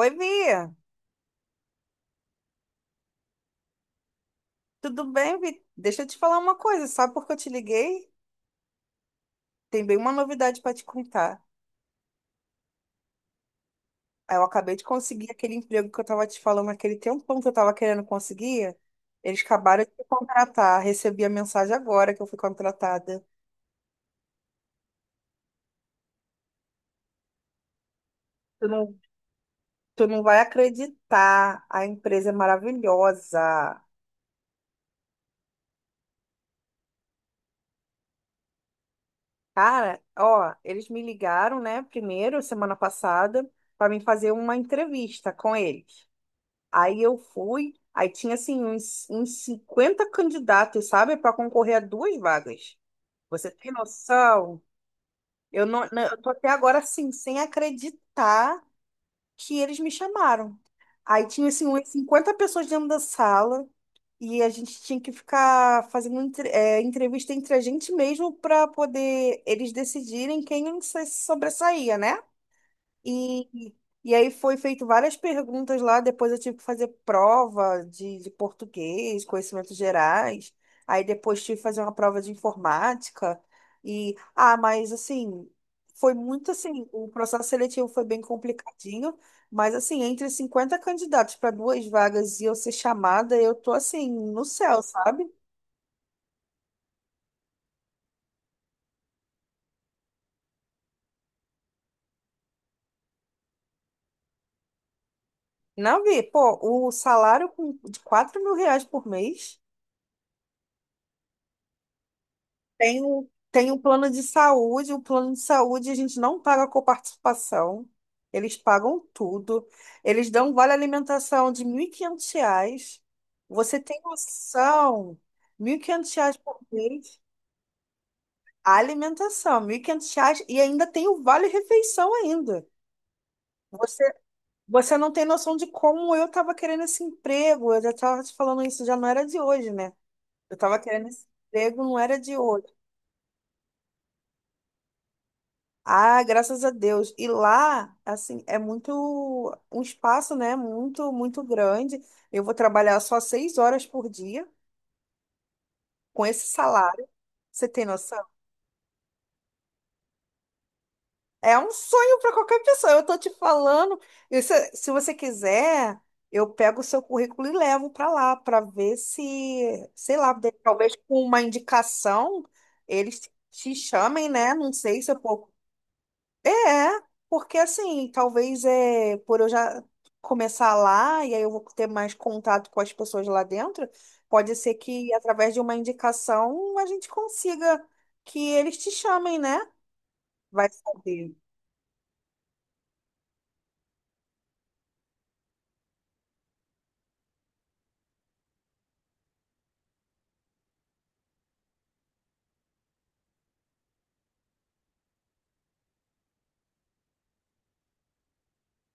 Oi, Bia. Tudo bem, Vi? Deixa eu te falar uma coisa. Sabe por que eu te liguei? Tem bem uma novidade para te contar. Ah, eu acabei de conseguir aquele emprego que eu estava te falando aquele tempão que eu estava querendo conseguir. Eles acabaram de me contratar. Recebi a mensagem agora que eu fui contratada. Tu não, tu não vai acreditar. A empresa é maravilhosa. Cara, ó, eles me ligaram, né, primeiro, semana passada, para mim fazer uma entrevista com eles. Aí eu fui, aí tinha assim uns 50 candidatos, sabe, para concorrer a duas vagas. Você tem noção? Eu não, não- eu tô até agora assim, sem acreditar que eles me chamaram. Aí tinha assim umas 50 pessoas dentro da sala e a gente tinha que ficar fazendo entrevista entre a gente mesmo para poder eles decidirem quem se sobressaía, né? E, e aí foi feito várias perguntas lá, depois eu tive que fazer prova de português, conhecimentos gerais, aí depois tive que fazer uma prova de informática, mas assim, foi muito assim, o processo seletivo foi bem complicadinho, mas assim, entre 50 candidatos para duas vagas e eu ser chamada, eu tô assim, no céu, sabe? Não vi, pô, o salário de R$ 4.000 por mês. Tem um plano de saúde, o plano de saúde a gente não paga coparticipação, eles pagam tudo, eles dão um vale alimentação de R$ 1.500, você tem noção, R$ 1.500 por mês, alimentação, R$ 1.500 e ainda tem o vale refeição ainda. Você, você não tem noção de como eu estava querendo esse emprego, eu já estava te falando isso, já não era de hoje, né? Eu estava querendo esse emprego, não era de hoje. Ah, graças a Deus. E lá, assim, é um espaço, né? Muito, muito grande. Eu vou trabalhar só 6 horas por dia com esse salário. Você tem noção? É um sonho para qualquer pessoa. Eu tô te falando. E se você quiser, eu pego o seu currículo e levo para lá para ver se, sei lá, talvez com uma indicação eles te chamem, né? Não sei se eu. É, porque assim, talvez é por eu já começar lá e aí eu vou ter mais contato com as pessoas lá dentro, pode ser que através de uma indicação a gente consiga que eles te chamem, né? Vai saber.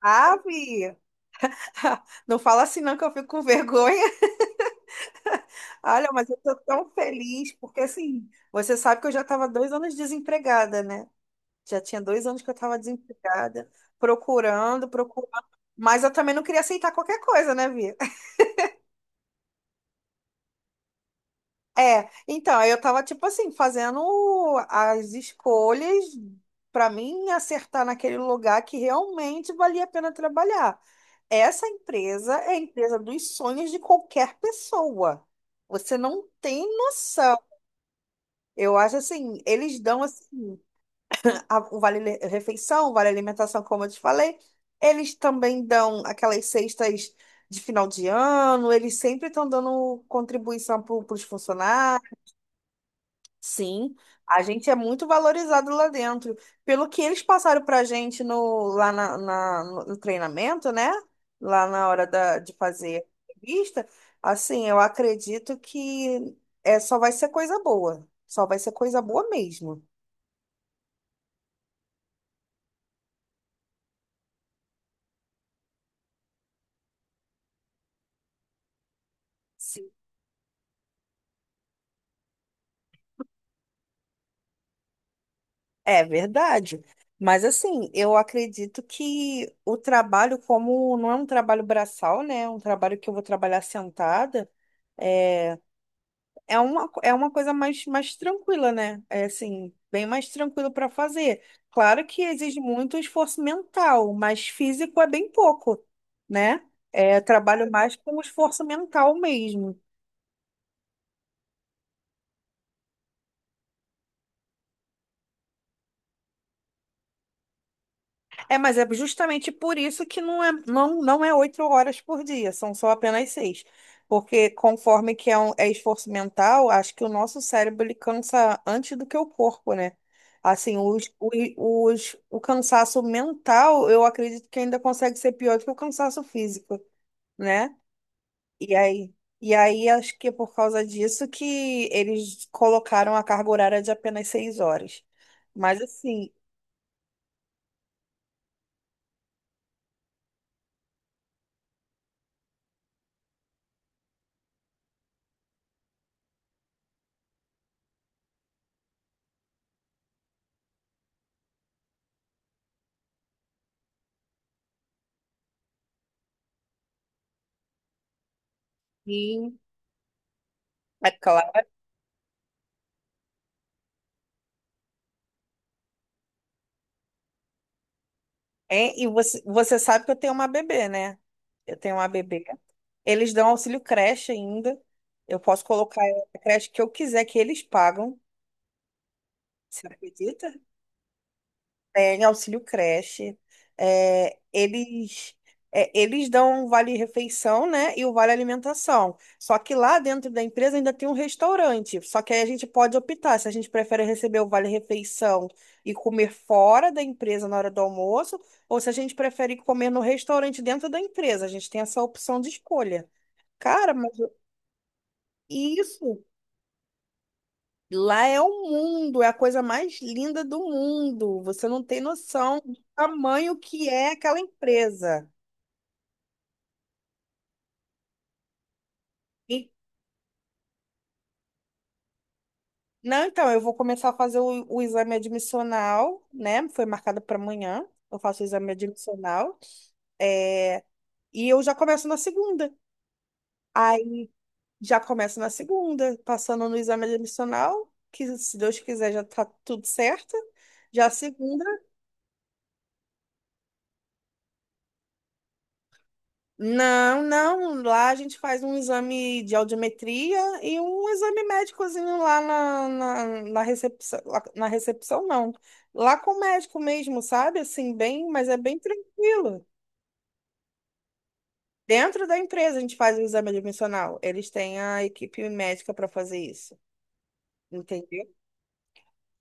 Ave! Não fala assim não que eu fico com vergonha. Olha, mas eu tô tão feliz, porque assim, você sabe que eu já estava 2 anos desempregada, né? Já tinha 2 anos que eu estava desempregada, procurando, procurando. Mas eu também não queria aceitar qualquer coisa, né, Vi? É, então, aí eu tava, tipo assim, fazendo as escolhas para mim acertar naquele lugar que realmente valia a pena trabalhar. Essa empresa é a empresa dos sonhos de qualquer pessoa. Você não tem noção. Eu acho assim, eles dão o vale refeição, o vale alimentação, como eu te falei. Eles também dão aquelas cestas de final de ano, eles sempre estão dando contribuição para os funcionários. Sim, a gente é muito valorizado lá dentro. Pelo que eles passaram para a gente no treinamento, né? Lá na hora de fazer a entrevista, assim, eu acredito que só vai ser coisa boa. Só vai ser coisa boa mesmo. É verdade. Mas assim, eu acredito que o trabalho, como não é um trabalho braçal, né? É um trabalho que eu vou trabalhar sentada, é, é uma coisa mais tranquila, né? É assim, bem mais tranquilo para fazer. Claro que exige muito esforço mental, mas físico é bem pouco, né? É, eu trabalho mais com esforço mental mesmo. É, mas é justamente por isso que não é 8 horas por dia, são só apenas seis. Porque conforme que é esforço mental, acho que o nosso cérebro ele cansa antes do que o corpo, né? Assim, o cansaço mental, eu acredito que ainda consegue ser pior do que o cansaço físico, né? E aí, e aí, acho que é por causa disso que eles colocaram a carga horária de apenas 6 horas. Mas assim, e- é claro. Hein? E você sabe que eu tenho uma bebê, né? Eu tenho uma bebê. Eles dão auxílio creche ainda. Eu posso colocar a creche que eu quiser, que eles pagam. Você acredita? Tem auxílio creche. É, eles, eles dão um vale-refeição, né? E o vale-alimentação. Só que lá dentro da empresa ainda tem um restaurante. Só que aí a gente pode optar se a gente prefere receber o vale-refeição e comer fora da empresa na hora do almoço, ou se a gente prefere comer no restaurante dentro da empresa. A gente tem essa opção de escolha. Cara, isso. Lá é o mundo, é a coisa mais linda do mundo. Você não tem noção do tamanho que é aquela empresa. E- não, então, eu vou começar a fazer o exame admissional, né? Foi marcado para amanhã. Eu faço o exame admissional. É, e eu já começo na segunda. Aí já começo na segunda, passando no exame admissional, que se Deus quiser já tá tudo certo. Já a segunda. Não, não. Lá a gente faz um exame de audiometria e um exame médicozinho lá na recepção. Na recepção, não. Lá com o médico mesmo, sabe? Assim, bem, mas é bem tranquilo. Dentro da empresa a gente faz o exame admissional. Eles têm a equipe médica para fazer isso. Entendeu?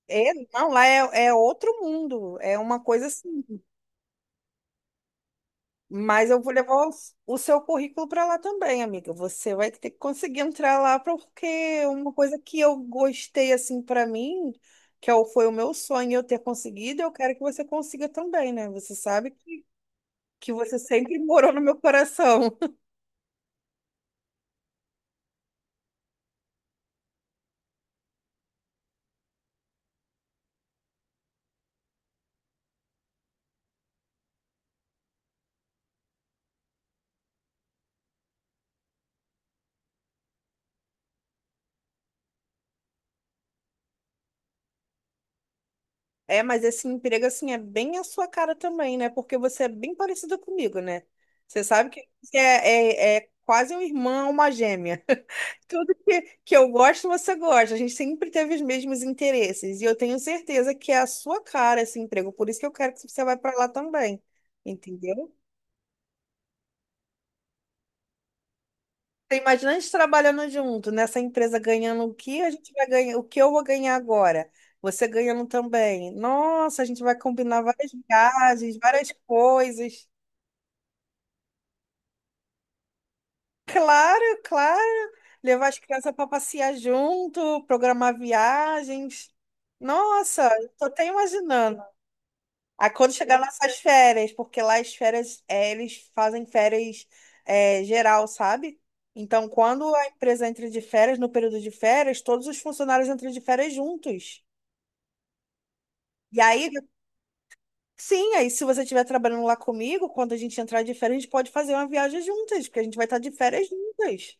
É, não, lá é outro mundo. É uma coisa assim. Mas eu vou levar o seu currículo para lá também, amiga. Você vai ter que conseguir entrar lá, porque uma coisa que eu gostei, assim, para mim, que foi o meu sonho eu ter conseguido, eu quero que você consiga também, né? Você sabe que você sempre morou no meu coração. É, mas esse emprego, assim, é bem a sua cara também, né? Porque você é bem parecida comigo, né? Você sabe que você é quase uma irmã, uma gêmea. Tudo que eu gosto, você gosta. A gente sempre teve os mesmos interesses. E eu tenho certeza que é a sua cara esse emprego. Por isso que eu quero que você vá para lá também. Entendeu? Você imagina a gente trabalhando junto, nessa empresa ganhando o que a gente vai ganhar, o que eu vou ganhar agora. Você ganhando também. Nossa, a gente vai combinar várias viagens, várias coisas. Claro, claro. Levar as crianças para passear junto, programar viagens. Nossa, eu tô até imaginando. Aí quando chegar nossas férias, porque lá as férias, eles fazem férias, geral, sabe? Então, quando a empresa entra de férias, no período de férias, todos os funcionários entram de férias juntos. E aí, sim, aí se você estiver trabalhando lá comigo, quando a gente entrar de férias, a gente pode fazer uma viagem juntas, porque a gente vai estar de férias juntas.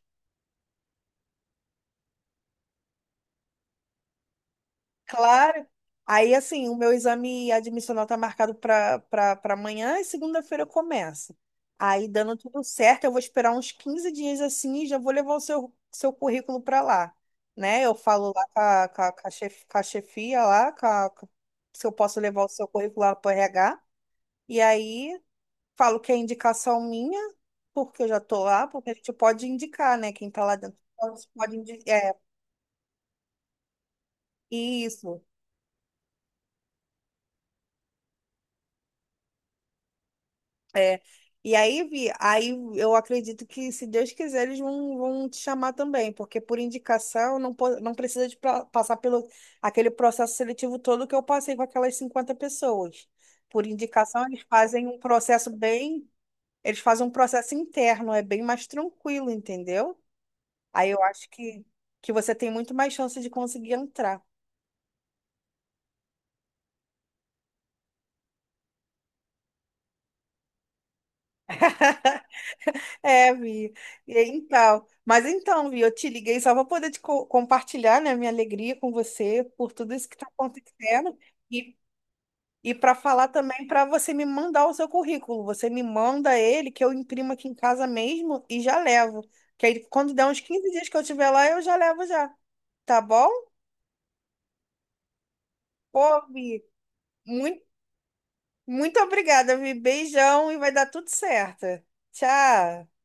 Claro. Aí, assim, o meu exame admissional tá marcado para amanhã e segunda-feira eu começo. Aí, dando tudo certo, eu vou esperar uns 15 dias assim e já vou levar o seu currículo para lá, né? Eu falo lá com a chefia lá, se eu posso levar o seu currículo lá para RH. E aí, falo que é indicação minha, porque eu já tô lá, porque a gente pode indicar, né? Quem tá lá dentro pode indicar. É, isso. É, e aí, Vi, aí eu acredito que, se Deus quiser, eles vão te chamar também, porque por indicação não precisa de passar pelo aquele processo seletivo todo que eu passei com aquelas 50 pessoas. Por indicação, eles fazem um processo interno, é bem mais tranquilo, entendeu? Aí eu acho que você tem muito mais chance de conseguir entrar. É, Vi. E aí, então, Vi, eu te liguei só para poder te compartilhar, né, minha alegria com você por tudo isso que está acontecendo e, e para falar também para você me mandar o seu currículo. Você me manda ele, que eu imprimo aqui em casa mesmo e já levo. Que aí, quando der uns 15 dias que eu estiver lá, eu já levo já. Tá bom? Pô, Vi, muito, muito obrigada, Vi. Beijão e vai dar tudo certo. Tchau.